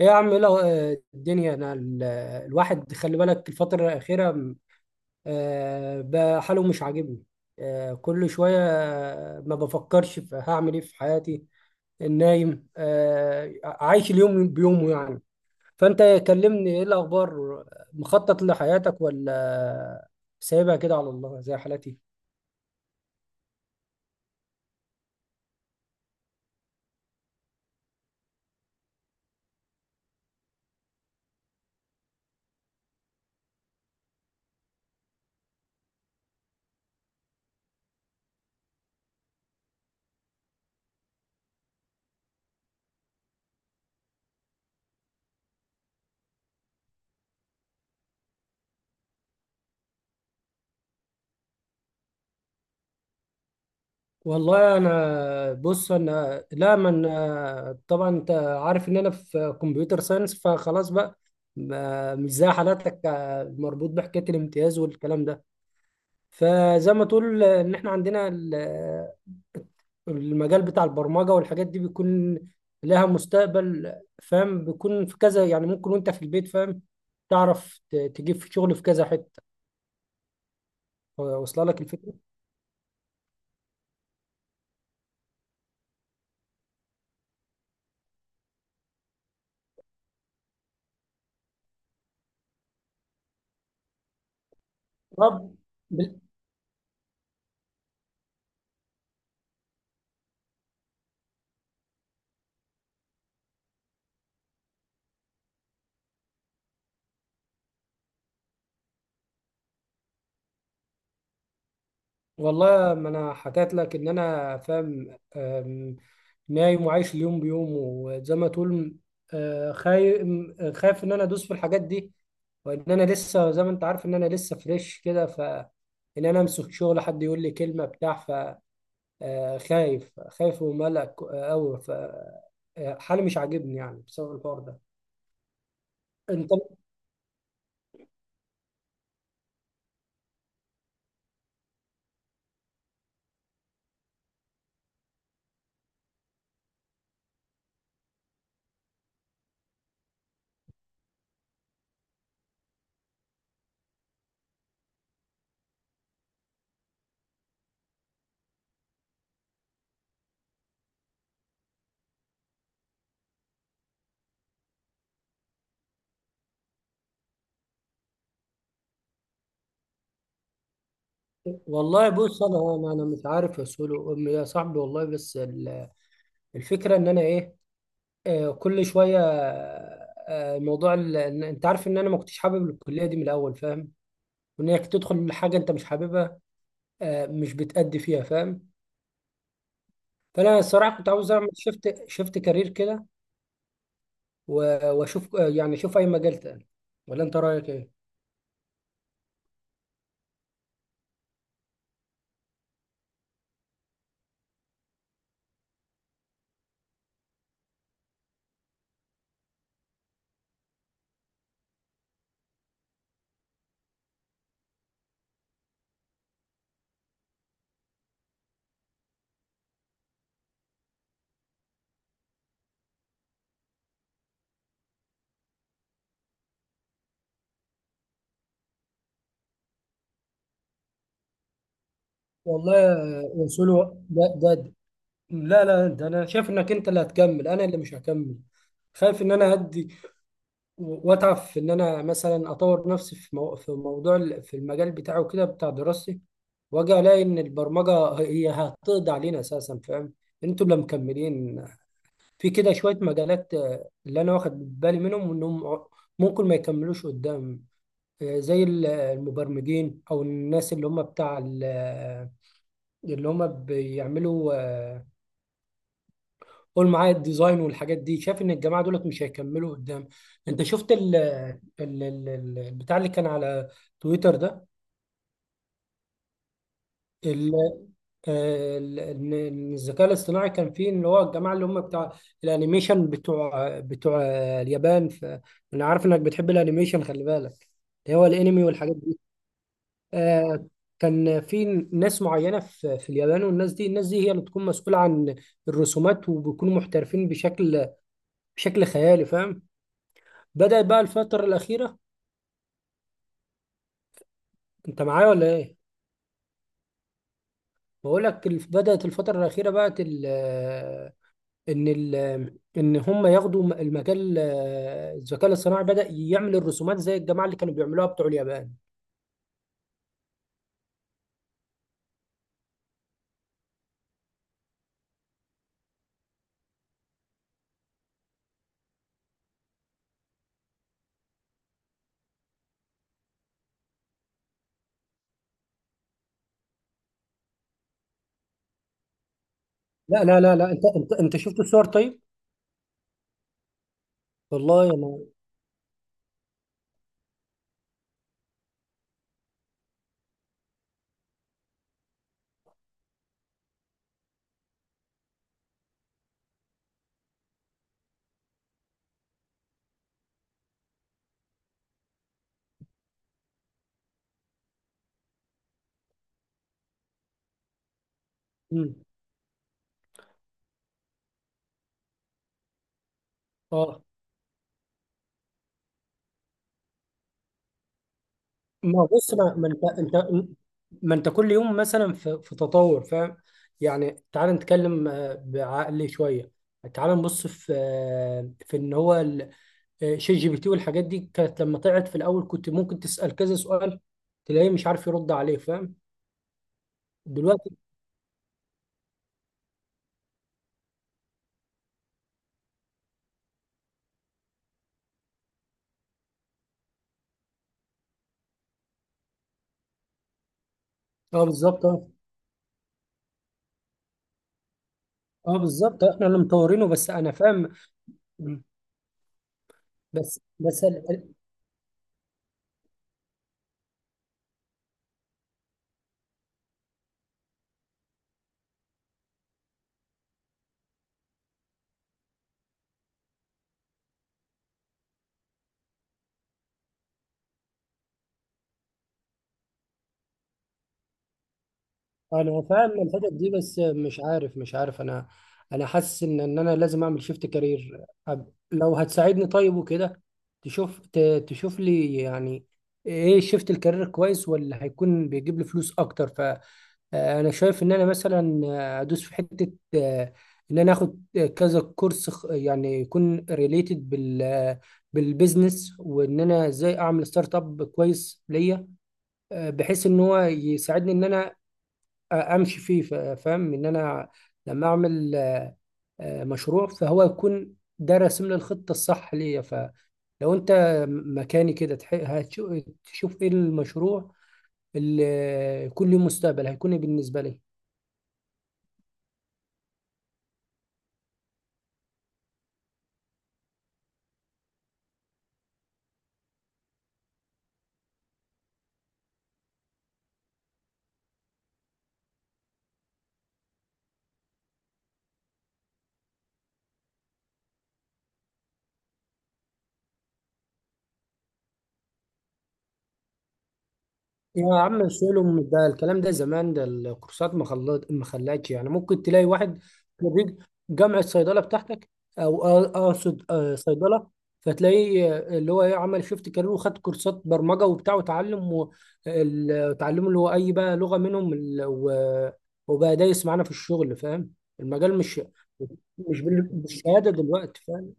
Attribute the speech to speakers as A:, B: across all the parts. A: ايه يا عم، ايه الدنيا، انا ال- آه، الواحد خلي بالك الفترة الأخيرة م، آه، بقى حاله مش عاجبني. كل شوية ما بفكرش في هعمل ايه في حياتي. النايم، عايش اليوم بيومه يعني. فأنت كلمني، ايه الأخبار؟ مخطط لحياتك ولا سايبها كده على الله زي حالتي؟ والله انا بص، انا لا من، طبعا انت عارف ان انا في كمبيوتر ساينس، فخلاص بقى مش زي حالاتك، مربوط بحكايه الامتياز والكلام ده. فزي ما تقول ان احنا المجال بتاع البرمجه والحاجات دي بيكون لها مستقبل، فاهم؟ بيكون في كذا يعني، ممكن وانت في البيت، فاهم؟ تعرف تجيب في شغل في كذا حته. واصله لك الفكره؟ طب والله ما انا حكيت لك ان انا فاهم. نايم وعايش اليوم بيوم، وزي ما تقول خايف، خايف ان انا ادوس في الحاجات دي. وان انا لسه زي ما انت عارف ان انا لسه فريش كده، ف ان انا امسك شغل حد يقول لي كلمه بتاع، ف خايف خايف وملك قوي، ف حالي مش عاجبني يعني بسبب الحوار ده. انت. والله بص، انا انا أنا مش عارف يا سولو. يا صاحبي والله، بس الفكره ان انا ايه، كل شويه موضوع انت عارف ان انا ما كنتش حابب الكليه دي من الاول، فاهم؟ وانك تدخل حاجه انت مش حاببها، مش بتأدي فيها، فاهم؟ فانا الصراحه كنت عاوز اعمل، شفت كارير كده، واشوف يعني اشوف اي مجال تاني. ولا انت رايك ايه؟ والله يا سولو، ده ده ده- لا لا، ده انا شايف انك انت اللي هتكمل، انا اللي مش هكمل. خايف ان انا هدي واتعب في ان انا مثلا اطور نفسي في في موضوع في المجال بتاعه كده بتاع دراستي، واجي الاقي ان البرمجه هي هتقضي علينا اساسا، فاهم؟ انتوا اللي مكملين. في كده شويه مجالات اللي انا واخد بالي منهم انهم ممكن ما يكملوش قدام. زي المبرمجين او الناس اللي هم بتاع اللي هم بيعملوا، قول معايا، الديزاين والحاجات دي، شايف ان الجماعه دولت مش هيكملوا قدام. انت شفت ال- البتاع اللي كان على تويتر ده؟ ال- ان إن الذكاء الاصطناعي كان فيه اللي هو الجماعه اللي هم بتاع الانيميشن بتوع اليابان. ف انا عارف انك بتحب الانيميشن، خلي بالك، اللي هو الانمي والحاجات دي. آه، كان في ناس معينه في في اليابان، والناس دي، الناس دي هي اللي بتكون مسؤوله عن الرسومات، وبيكونوا محترفين بشكل خيالي، فاهم؟ بدأت بقى الفترة الأخيرة. أنت معايا ولا إيه؟ بقول لك بدأت الفترة الأخيرة بقى إن إن هم ياخدوا المجال، الذكاء الاصطناعي بدأ يعمل الرسومات زي الجماعة اللي كانوا بيعملوها بتوع اليابان. لا لا لا لا، أنت شفت الصور طيب؟ والله أنا. مم. آه. ما بص، ما أنت أنت، ما أنت كل يوم مثلا في، في تطور، فاهم؟ يعني تعال نتكلم بعقل شوية. تعال نبص في في إن هو شات جي بي تي والحاجات دي، كانت لما طلعت في الاول كنت ممكن تسال كذا سؤال تلاقيه مش عارف يرد عليه، فاهم؟ دلوقتي. اه بالظبط، اه. اه بالظبط، احنا اللي مطورينه، بس انا فاهم. بس انا فاهم الحتت دي، بس مش عارف، مش عارف انا، انا حاسس ان انا لازم اعمل شيفت كارير. لو هتساعدني، طيب وكده، تشوف تشوف لي يعني ايه شيفت الكارير كويس، ولا هيكون بيجيب لي فلوس اكتر. فانا شايف ان انا مثلا ادوس في حتة، ان انا اخد كذا كورس يعني يكون ريليتد بالبيزنس، وان انا ازاي اعمل ستارت اب كويس ليا، بحيث ان هو يساعدني ان انا امشي فيه، فاهم؟ ان انا لما اعمل مشروع، فهو يكون ده راسم لي الخطه الصح ليا. فلو انت مكاني كده، تشوف ايه المشروع اللي يكون له مستقبل، هيكون إيه بالنسبه لي. يا عم شيلهم ده الكلام ده، زمان ده الكورسات ما خلت، ما خلتش. يعني ممكن تلاقي واحد خريج جامعة صيدلة بتاعتك، او اقصد صيدلة، فتلاقيه اللي هو ايه، عمل شيفت كارير وخد كورسات برمجة وبتاع وتعلم، وتعلمه اللي هو اي بقى لغة منهم وبقى دايس معانا في الشغل، فاهم؟ المجال مش، مش بالشهادة دلوقتي، فاهم؟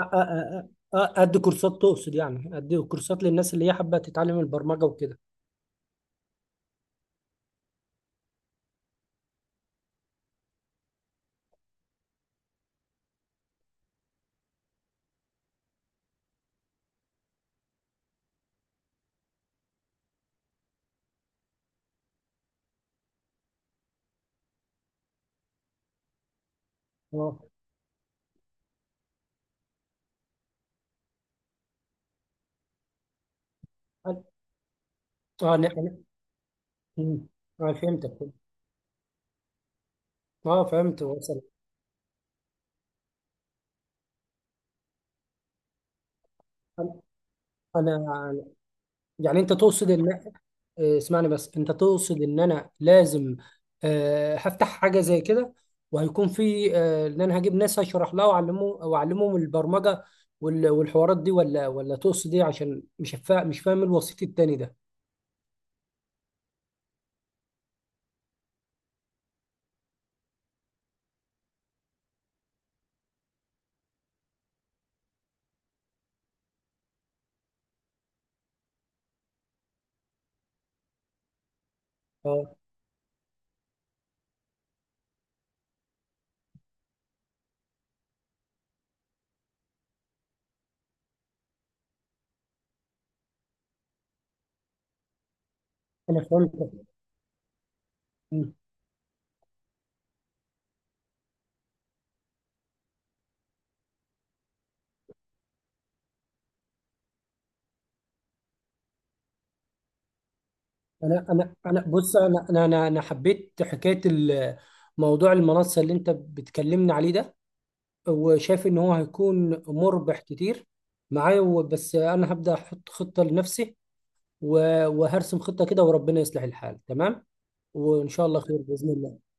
A: أ- أ- أ- ادي كورسات تقصد يعني؟ ادي كورسات للناس اللي هي حابة تتعلم البرمجة وكده؟ اه، اه، إن مم. اه فهمتك. اه فهمت، وصل. انا أنا- يعني انت تقصد ان اسمعني بس، انت تقصد ان انا لازم هفتح حاجه زي كده، وهيكون في ان انا هجيب ناس هشرح لها واعلمهم البرمجه والحوارات دي، ولا ولا تقصد ايه؟ عشان مش مش فاهم الوسيط التاني ده. اه انا فهمت. مم. انا انا انا بص، انا انا انا أنا حبيت حكايه موضوع المنصه اللي انت بتكلمني عليه ده، وشايف ان هو هيكون مربح كتير معايا. بس انا هبدأ احط خطة لنفسي، وهرسم خطة كده، وربنا يصلح الحال، تمام، وان شاء الله خير بإذن الله.